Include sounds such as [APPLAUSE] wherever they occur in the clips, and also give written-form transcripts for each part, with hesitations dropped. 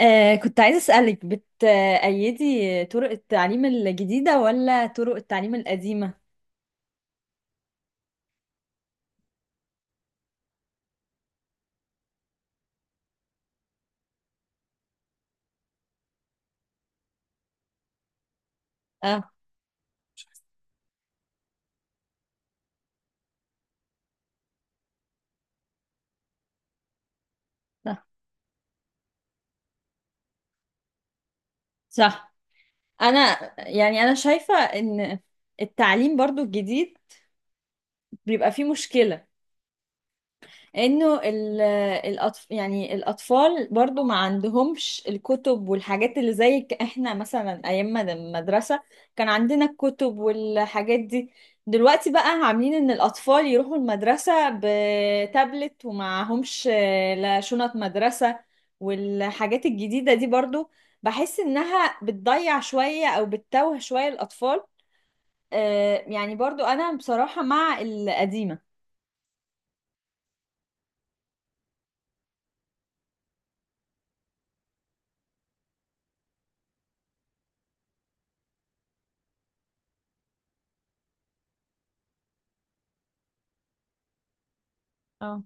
كنت عايزة أسألك بتأيدي طرق التعليم الجديدة ولا طرق التعليم القديمة؟ اه، صح، صح. أنا يعني أنا شايفة إن التعليم برضو الجديد بيبقى فيه مشكلة انه يعني الاطفال برضو ما عندهمش الكتب والحاجات اللي زي احنا مثلا ايام ما المدرسة كان عندنا الكتب والحاجات دي. دلوقتي بقى عاملين ان الاطفال يروحوا المدرسة بتابلت ومعهمش لا شنط مدرسة والحاجات الجديدة دي، برضو بحس انها بتضيع شوية او بتتوه شوية الاطفال. يعني برضو انا بصراحة مع القديمة. اه،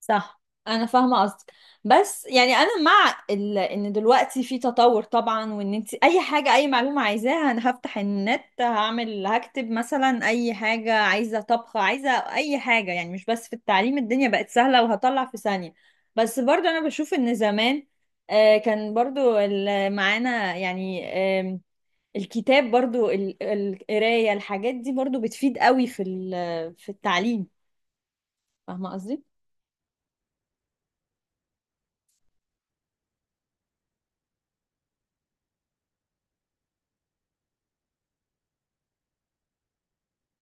صح، انا فاهمه قصدك. بس يعني انا مع ان دلوقتي في تطور طبعا، وان انت اي حاجه اي معلومه عايزاها انا هفتح النت هعمل هكتب مثلا اي حاجه، عايزه طبخ، عايزه اي حاجه، يعني مش بس في التعليم الدنيا بقت سهله وهطلع في ثانيه. بس برضو انا بشوف ان زمان كان برضو معانا يعني، آم، الكتاب برضو القرايه الحاجات دي برضو بتفيد قوي في في التعليم، فاهمه قصدي؟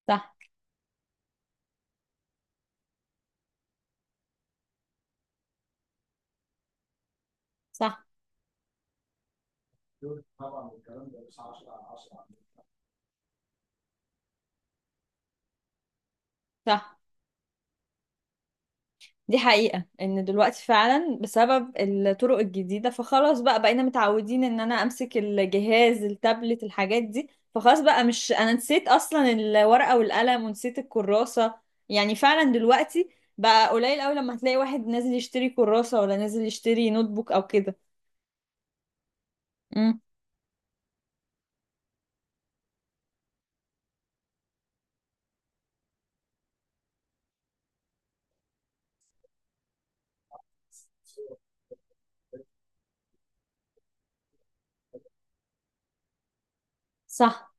صح، صح، صح. دي حقيقة ان دلوقتي فعلا بسبب الطرق الجديدة فخلاص بقى بقينا متعودين ان انا امسك الجهاز التابلت الحاجات دي، فخلاص بقى مش، انا نسيت اصلا الورقة والقلم ونسيت الكراسة. يعني فعلا دلوقتي بقى قليل قوي لما هتلاقي واحد نازل يشتري كراسة ولا نازل يشتري نوت بوك او كده. امم. صح.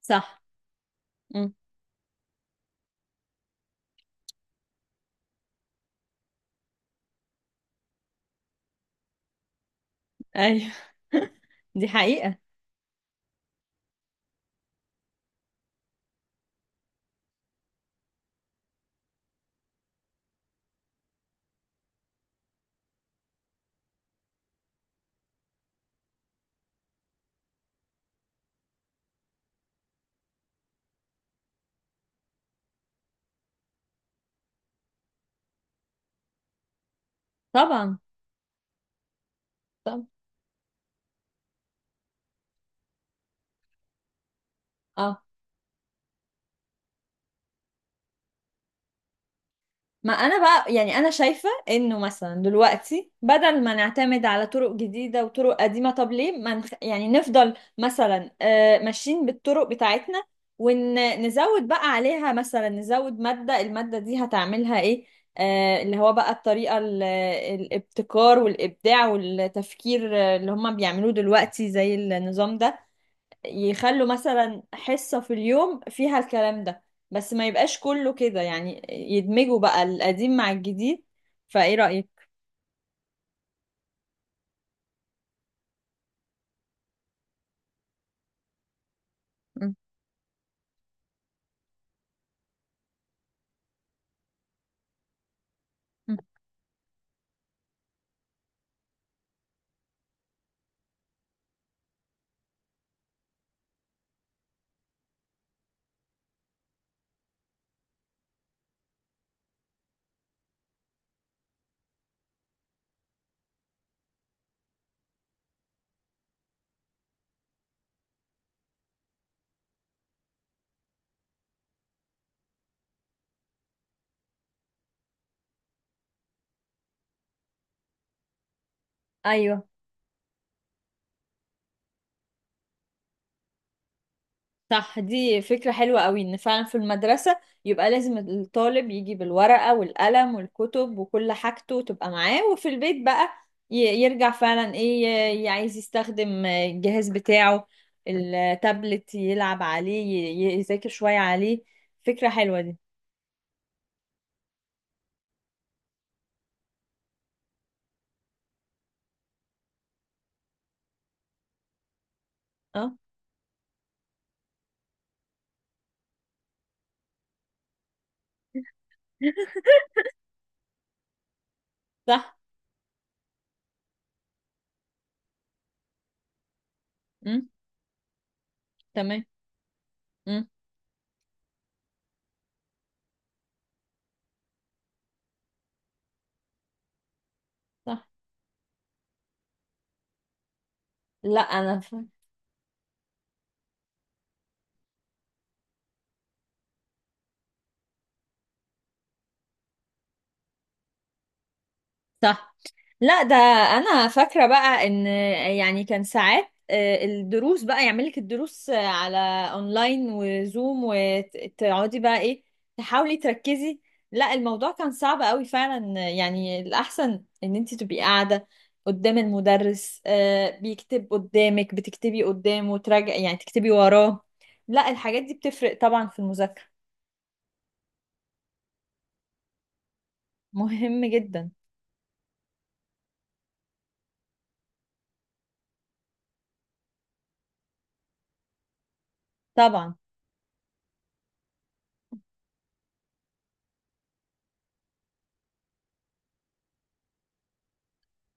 صح. امم. ايوه. [LAUGHS] دي حقيقة. طبعا، طبعا. اه، ما انا بقى يعني انا شايفة انه مثلا دلوقتي بدل ما نعتمد على طرق جديدة وطرق قديمة، طب ليه ما نخ... يعني نفضل مثلا ماشيين بالطرق بتاعتنا، ونزود بقى عليها مثلا نزود مادة، المادة دي هتعملها ايه؟ اللي هو بقى الطريقة الابتكار والإبداع والتفكير، اللي هم بيعملوه دلوقتي زي النظام ده. يخلوا مثلا حصة في اليوم فيها الكلام ده، بس ما يبقاش كله كده، يعني يدمجوا بقى القديم مع الجديد. فايه رأيك؟ م- م. ايوه. صح، دي فكرة حلوة قوي ان فعلا في المدرسة يبقى لازم الطالب يجي بالورقة والقلم والكتب وكل حاجته تبقى معاه، وفي البيت بقى ي- يرجع فعلا ايه، عايز يستخدم الجهاز بتاعه التابلت يلعب عليه، يذاكر شوية عليه. فكرة حلوة دي. اه. [LAUGHS] صح. امم. تمام. امم. صح. لا، صح. لا، ده انا فاكره بقى ان يعني كان ساعات، الدروس بقى يعمل لك الدروس على اونلاين وزوم، وتقعدي بقى ايه تحاولي تركزي. لا، الموضوع كان صعب قوي فعلا، يعني الاحسن ان انت تبقي قاعده قدام المدرس، بيكتب قدامك بتكتبي قدامه وتراجعي يعني تكتبي وراه. لا، الحاجات دي بتفرق طبعا في المذاكره. مهم جدا. طبعا.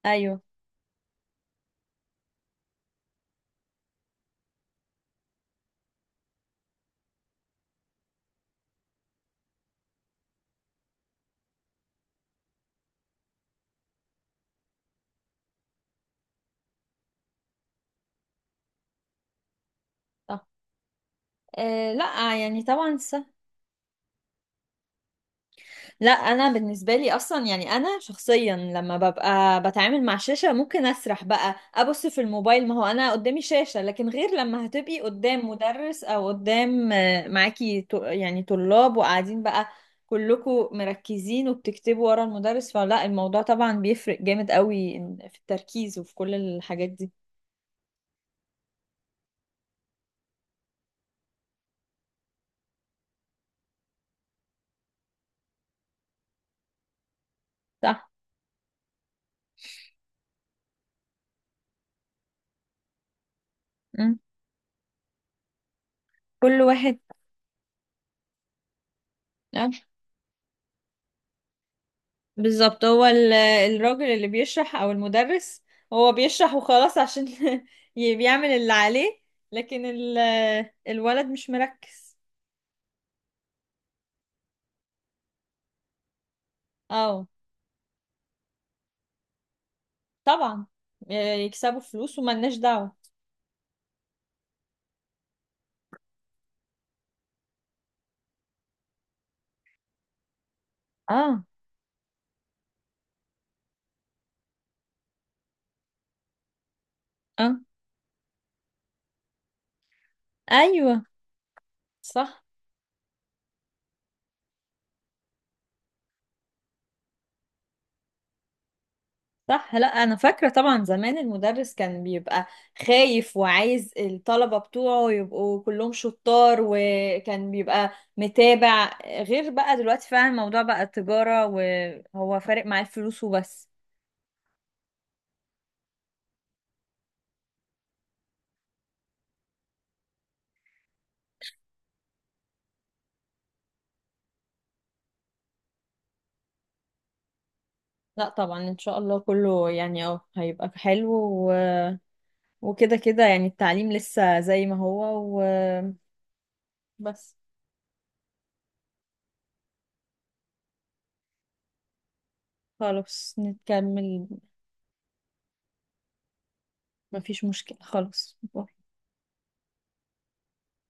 ايوه. صح. لا، يعني طبعا صح. لا، انا بالنسبه لي اصلا يعني انا شخصيا لما ببقى بتعامل مع شاشه ممكن اسرح بقى ابص في الموبايل، ما هو انا قدامي شاشه، لكن غير لما هتبقي قدام مدرس او قدام معاكي يعني طلاب، وقاعدين بقى كلكم مركزين وبتكتبوا ورا المدرس، فلا الموضوع طبعا بيفرق جامد قوي في التركيز وفي كل الحاجات دي. صح. مم. كل واحد. آه. بالظبط، هو الراجل اللي بيشرح او المدرس هو بيشرح وخلاص، عشان [LAUGHS] بيعمل اللي عليه. لكن الولد مش مركز. اه، طبعا. يكسبوا فلوس وملناش دعوة. اه. اه. ايوه. صح، صح. لا، انا فاكره طبعا زمان المدرس كان بيبقى خايف وعايز الطلبه بتوعه يبقوا كلهم شطار، وكان بيبقى متابع. غير بقى دلوقتي فعلا الموضوع بقى تجاره، وهو فارق معاه الفلوس وبس. لا، طبعا ان شاء الله كله، يعني هيبقى حلو و... وكده كده، يعني التعليم لسه زي ما هو وبس. خلاص نكمل. مفيش مشكله خلاص.